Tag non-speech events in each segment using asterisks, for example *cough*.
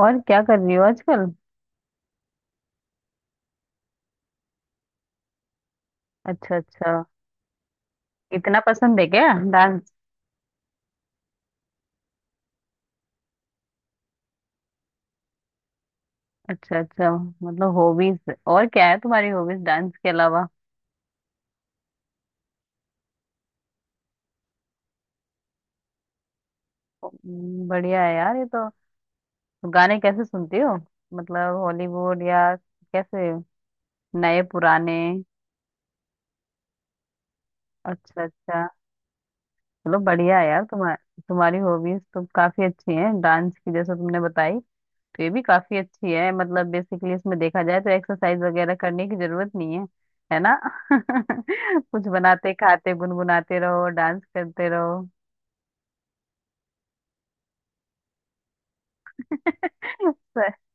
और क्या कर रही हो आजकल। अच्छा अच्छा। इतना पसंद है क्या डांस। अच्छा अच्छा। मतलब हॉबीज और क्या है तुम्हारी, हॉबीज डांस के अलावा। बढ़िया है यार ये तो। तो गाने कैसे सुनती हो? मतलब हॉलीवुड या कैसे? नए पुराने? अच्छा अच्छा। चलो बढ़िया है यार, तुम्हारी तुम्हारी हॉबीज तो काफी अच्छी हैं, डांस की जैसे तुमने बताई। तो ये भी काफी अच्छी है, मतलब बेसिकली इसमें देखा जाए तो एक्सरसाइज वगैरह करने की जरूरत नहीं है। है ना। *laughs* कुछ बनाते खाते गुनगुनाते रहो, डांस करते रहो। *laughs* सही।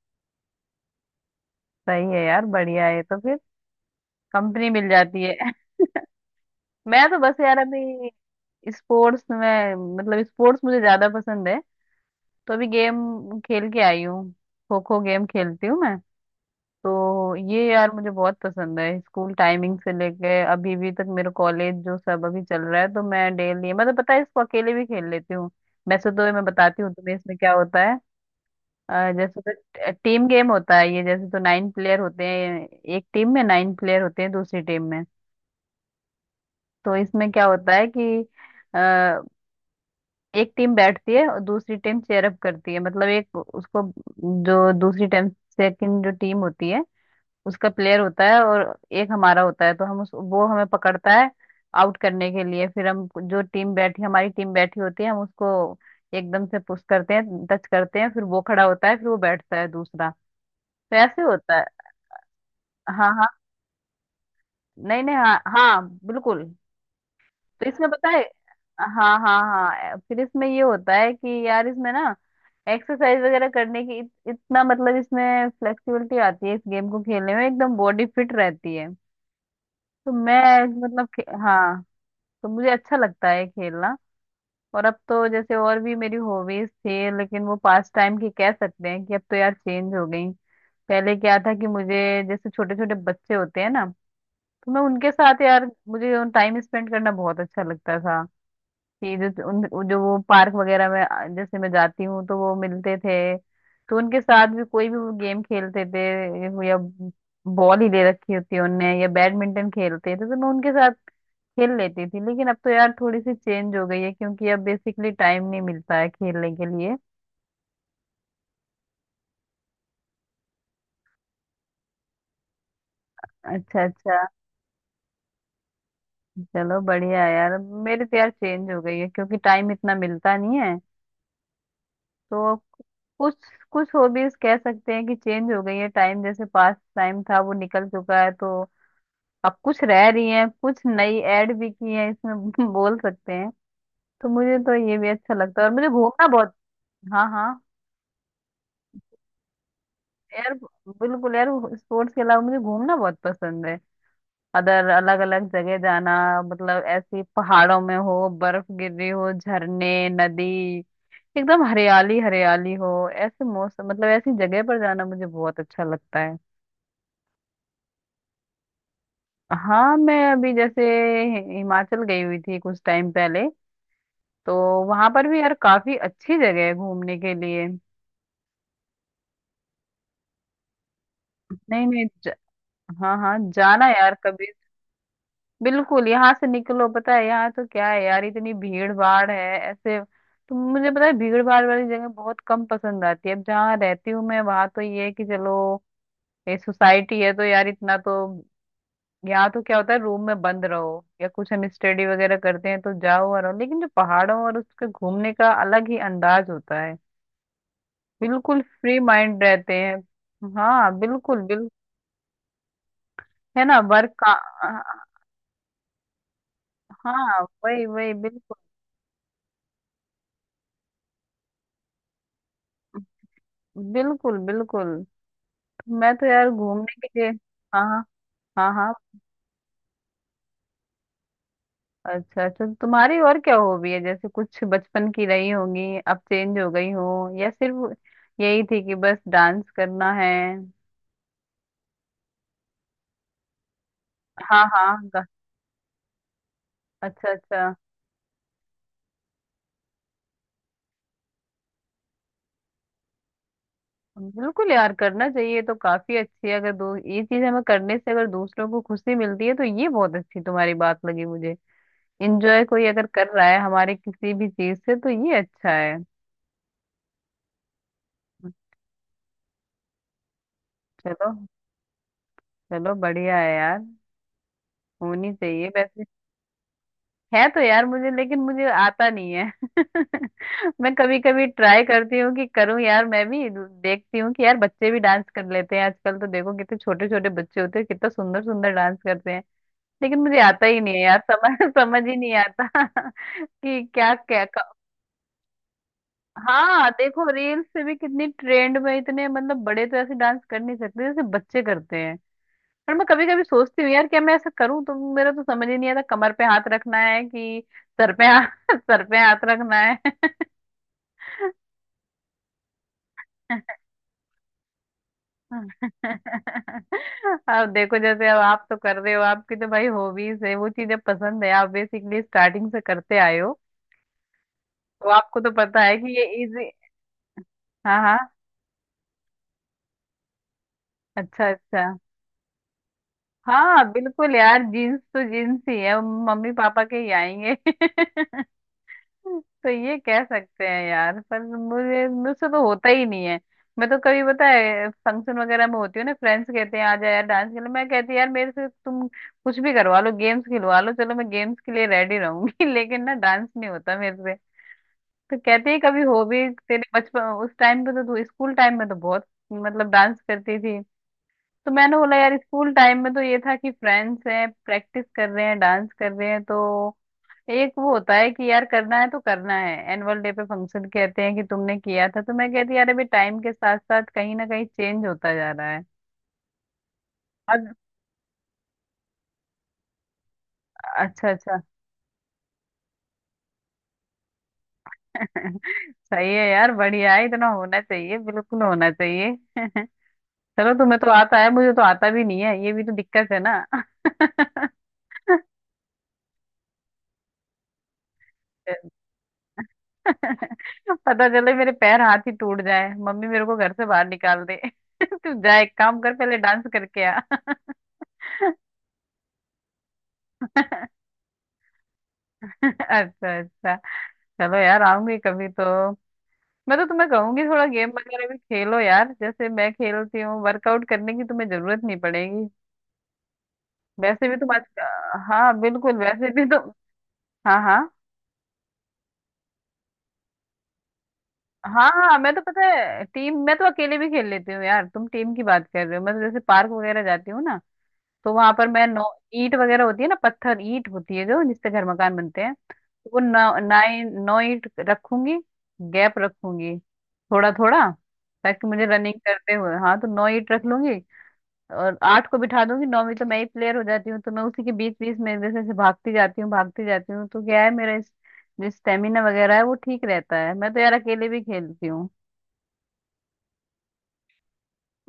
सही है यार, बढ़िया है तो फिर, कंपनी मिल जाती है। *laughs* मैं तो बस यार अभी स्पोर्ट्स में, मतलब स्पोर्ट्स मुझे ज्यादा पसंद है। तो अभी गेम खेल के आई हूँ। खो खो गेम खेलती हूँ मैं। तो ये यार मुझे बहुत पसंद है, स्कूल टाइमिंग से लेके अभी भी तक, मेरा कॉलेज जो सब अभी चल रहा है, तो मैं डेली, मतलब पता है, इसको अकेले भी खेल लेती हूँ। वैसे तो मैं बताती हूँ तुम्हें इसमें क्या होता है। जैसे तो टीम गेम होता है ये, जैसे तो 9 प्लेयर होते हैं। एक टीम में 9 प्लेयर होते हैं, दूसरी टीम में। तो इसमें क्या होता है कि अ, एक टीम बैठती है और दूसरी टीम चेयर अप करती है, मतलब एक उसको, जो दूसरी टीम, सेकंड जो टीम होती है, उसका प्लेयर होता है, और एक हमारा होता है, तो हम उस, वो हमें पकड़ता है आउट करने के लिए, फिर हम जो टीम बैठी, हमारी टीम बैठी होती है, हम उसको एकदम से पुश करते हैं, टच करते हैं, फिर वो खड़ा होता है, फिर वो बैठता है दूसरा। तो ऐसे होता है। हाँ हाँ। नहीं नहीं, हाँ हाँ, बिल्कुल। तो इसमें पता है, हाँ हाँ हाँ, फिर इसमें ये होता है कि यार इसमें ना एक्सरसाइज वगैरह करने की, इतना मतलब, इसमें फ्लेक्सिबिलिटी आती है, इस गेम को खेलने में एकदम बॉडी फिट रहती है। तो मैं मतलब हाँ। तो मुझे अच्छा लगता है खेलना। और अब तो जैसे और भी मेरी हॉबीज थी, लेकिन वो पास टाइम की कह सकते हैं कि अब तो यार चेंज हो गई। पहले क्या था कि मुझे, जैसे छोटे छोटे बच्चे होते हैं ना, तो मैं उनके साथ, यार मुझे टाइम स्पेंड करना बहुत अच्छा लगता था। कि जो उन, जो वो पार्क वगैरह में जैसे मैं जाती हूँ तो वो मिलते थे, तो उनके साथ भी कोई भी वो गेम खेलते थे, या बॉल ही ले रखी होती है उनने, या बैडमिंटन खेलते थे, तो मैं उनके साथ खेल लेती थी। लेकिन अब तो यार थोड़ी सी चेंज हो गई है, क्योंकि अब बेसिकली टाइम नहीं मिलता है खेलने के लिए। अच्छा अच्छा। चलो बढ़िया है यार। मेरी तो यार चेंज हो गई है क्योंकि टाइम इतना मिलता नहीं है, तो कुछ कुछ हॉबीज कह सकते हैं कि चेंज हो गई है, टाइम जैसे पास टाइम था वो निकल चुका है, तो अब कुछ रह रही है, कुछ नई ऐड भी की है इसमें। *laughs* बोल सकते हैं। तो मुझे तो ये भी अच्छा लगता है, और मुझे घूमना बहुत। हाँ हाँ। यार बिल्कुल यार, स्पोर्ट्स के अलावा मुझे घूमना बहुत पसंद है। अदर, अलग अलग जगह जाना। मतलब ऐसी पहाड़ों में हो, बर्फ गिर रही हो, झरने, नदी, एकदम हरियाली हरियाली हो, ऐसे मौसम, मतलब ऐसी जगह पर जाना मुझे बहुत अच्छा लगता है। हाँ मैं अभी जैसे हिमाचल गई हुई थी कुछ टाइम पहले। तो वहां पर भी यार काफी अच्छी जगह है घूमने के लिए। नहीं नहीं ज... हाँ हाँ, जाना यार कभी। बिल्कुल, यहाँ से निकलो, पता है यहाँ तो क्या है यार, इतनी भीड़ भाड़ है ऐसे। तो मुझे पता है भीड़ भाड़ वाली जगह बहुत कम पसंद आती है, अब जहाँ रहती हूँ मैं, वहां तो ये है कि चलो ये सोसाइटी है तो यार इतना तो, यहाँ तो क्या होता है रूम में बंद रहो, या कुछ हम स्टडी वगैरह करते हैं तो जाओ और आओ। लेकिन जो पहाड़ों और उसके घूमने का अलग ही अंदाज होता है, बिल्कुल फ्री माइंड रहते हैं। हाँ बिल्कुल बिल्कुल। है ना, वर्क का। हाँ, वही वही बिल्कुल। बिल्कुल बिल्कुल। मैं तो यार घूमने के लिए, हाँ हाँ, हाँ हाँ। अच्छा अच्छा, तो तुम्हारी और क्या हॉबी है? जैसे कुछ बचपन की रही होंगी, अब चेंज हो गई हो, या सिर्फ यही थी कि बस डांस करना है? हाँ हाँ गा- अच्छा अच्छा। बिल्कुल यार, करना चाहिए, तो काफी अच्छी है, अगर दो ये चीज हमें करने से अगर दूसरों को खुशी मिलती है तो ये बहुत अच्छी, तुम्हारी बात लगी मुझे। इंजॉय कोई अगर कर रहा है हमारे किसी भी चीज से, तो ये अच्छा है। चलो, चलो बढ़िया है यार, होनी चाहिए वैसे। है तो यार मुझे, लेकिन मुझे आता नहीं है। *laughs* मैं कभी कभी ट्राई करती हूँ कि करूँ यार मैं भी। देखती हूँ कि यार, बच्चे भी डांस कर लेते हैं आजकल तो, देखो कितने छोटे छोटे बच्चे होते हैं, कितना सुंदर सुंदर डांस करते हैं, लेकिन मुझे आता ही नहीं है यार। समझ *laughs* समझ ही नहीं आता। *laughs* कि क्या क्या क- हाँ देखो, रील्स से भी कितनी ट्रेंड में, इतने मतलब बड़े तो ऐसे डांस कर नहीं सकते जैसे बच्चे करते हैं। पर मैं कभी कभी सोचती हूँ यार, क्या मैं ऐसा करूँ, तो मेरा तो समझ ही नहीं आता कमर पे हाथ रखना है कि सर पे हाथ, *laughs* सर पे हाथ रखना है। *laughs* अब देखो, जैसे अब आप तो कर रहे हो, आपकी तो भाई हॉबीज है वो चीजें पसंद है, आप बेसिकली स्टार्टिंग से करते आए हो, तो आपको तो पता है कि ये इजी। हाँ हाँ। अच्छा अच्छा। हाँ बिल्कुल यार, जीन्स तो जीन्स ही है, मम्मी पापा के ही आएंगे। *laughs* तो ये कह सकते हैं यार, पर मुझे मुझसे तो होता ही नहीं है। मैं तो कभी पता है फंक्शन वगैरह में होती हूँ ना, फ्रेंड्स कहते हैं आ जा यार डांस के लिए, मैं कहती यार मेरे से तुम कुछ भी करवा लो, गेम्स खिलवा लो, चलो मैं गेम्स के लिए रेडी रहूंगी, *laughs* लेकिन ना डांस नहीं होता मेरे से। तो कहते ही कभी हो भी, तेरे बचपन उस टाइम पे तो, तू स्कूल टाइम में तो बहुत, मतलब डांस करती थी। तो मैंने बोला यार, स्कूल टाइम में तो ये था कि फ्रेंड्स हैं, प्रैक्टिस कर रहे हैं, डांस कर रहे हैं, तो एक वो होता है कि यार करना है तो करना है, एनुअल डे पे फंक्शन, कहते हैं कि तुमने किया था, तो मैं कहती हूँ, यार अभी टाइम के साथ साथ कहीं ना कहीं चेंज होता जा रहा है। अग- अच्छा अच्छा। *laughs* सही है यार, बढ़िया है, इतना होना चाहिए, बिल्कुल होना चाहिए। *laughs* चलो, तुम्हें तो आता है, मुझे तो आता भी नहीं है, ये भी तो दिक्कत है ना। *laughs* पता चले मेरे पैर हाथ ही टूट जाए, मम्मी मेरे को घर से बाहर निकाल दे। *laughs* तू जा एक काम कर, पहले डांस करके आ। *laughs* अच्छा अच्छा। चलो यार, आऊंगी कभी तो। मैं तो तुम्हें कहूंगी, थोड़ा गेम वगैरह भी खेलो यार, जैसे मैं खेलती हूँ, वर्कआउट करने की तुम्हें जरूरत नहीं पड़ेगी। वैसे भी तुम आज, हाँ बिल्कुल, वैसे भी तुम, हाँ हाँ, हाँ हाँ। मैं तो पता है टीम, मैं तो अकेले भी खेल लेती हूँ यार, तुम टीम की बात कर रहे हो, मैं तो जैसे पार्क वगैरह जाती हूँ ना, तो वहां पर मैं नौ, ईंट वगैरह होती है ना, पत्थर ईंट होती है जो जिससे घर मकान बनते हैं, वो नौ, 9 नोइट रखूंगी, गैप रखूंगी थोड़ा थोड़ा, ताकि मुझे रनिंग करते हुए, हाँ तो 9 ईट रख लूंगी, और 8 को बिठा दूंगी, 9 में तो मैं ही प्लेयर हो जाती हूँ, तो मैं उसी के बीच बीच में जैसे जैसे भागती जाती हूँ, भागती जाती हूँ, तो क्या है मेरा इस जो स्टेमिना वगैरह है वो ठीक रहता है। मैं तो यार अकेले भी खेलती हूँ।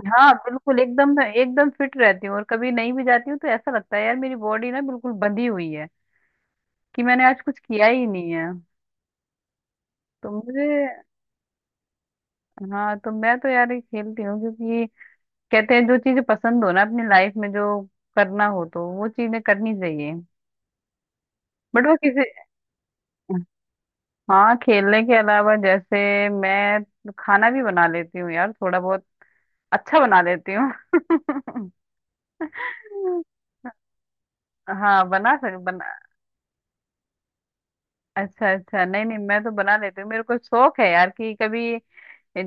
हाँ बिल्कुल, एकदम एकदम फिट रहती हूँ, और कभी नहीं भी जाती हूँ तो ऐसा लगता है यार मेरी बॉडी ना बिल्कुल बंधी हुई है, कि मैंने आज कुछ किया ही नहीं है। तो मुझे, हाँ तो मैं तो यार ये खेलती हूँ, क्योंकि कहते हैं जो चीजें पसंद हो ना अपनी लाइफ में, जो करना हो तो वो चीजें करनी चाहिए। बट वो किसी, हाँ खेलने के अलावा जैसे, मैं खाना भी बना लेती हूँ यार, थोड़ा बहुत अच्छा बना लेती हूँ। *laughs* हाँ बना सक बना। अच्छा अच्छा, नहीं नहीं, मैं तो बना लेती हूँ, मेरे को शौक है यार कि कभी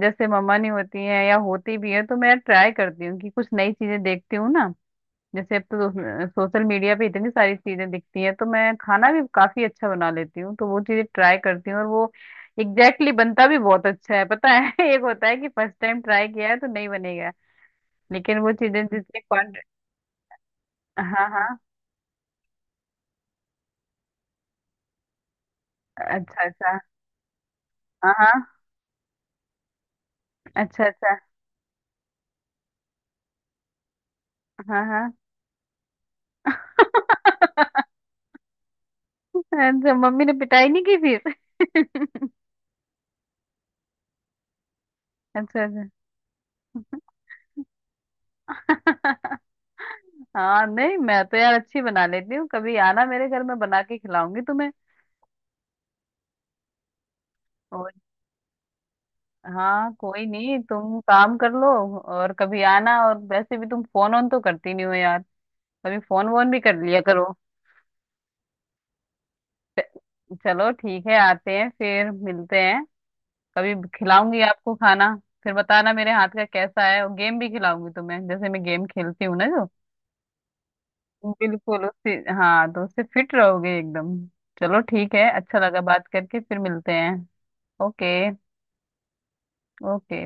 जैसे मम्मा नहीं होती हैं, या होती भी है तो मैं ट्राई करती हूँ कि कुछ नई चीजें देखती हूँ ना, जैसे अब तो सोशल मीडिया पे इतनी सारी चीजें दिखती हैं, तो मैं खाना भी काफी अच्छा बना लेती हूँ, तो वो चीजें ट्राई करती हूँ, और वो एग्जैक्टली exactly बनता भी बहुत अच्छा है, पता है। *laughs* एक होता है कि फर्स्ट टाइम ट्राई किया है तो नहीं बनेगा, लेकिन वो चीजें जितनी क्वांट, हाँ हाँ, अच्छा अच्छा, हाँ हाँ, अच्छा अच्छा, हाँ हाँ। *laughs* अच्छा मम्मी ने पिटाई नहीं की फिर। *laughs* अच्छा अच्छा। *laughs* हाँ नहीं, मैं तो यार अच्छी बना लेती हूँ, कभी आना मेरे घर में, बना के खिलाऊंगी तुम्हें। हाँ कोई नहीं, तुम काम कर लो। और कभी आना, और वैसे भी तुम फोन ऑन तो करती नहीं हो यार, कभी फोन वोन भी कर लिया करो। चलो ठीक है, आते हैं फिर मिलते हैं, कभी खिलाऊंगी आपको खाना, फिर बताना मेरे हाथ का कैसा है, और गेम भी खिलाऊंगी तुम्हें जैसे मैं गेम खेलती हूँ ना जो, बिल्कुल उससे, हाँ तो उससे फिट रहोगे एकदम। चलो ठीक है, अच्छा लगा बात करके, फिर मिलते हैं। ओके। ओके।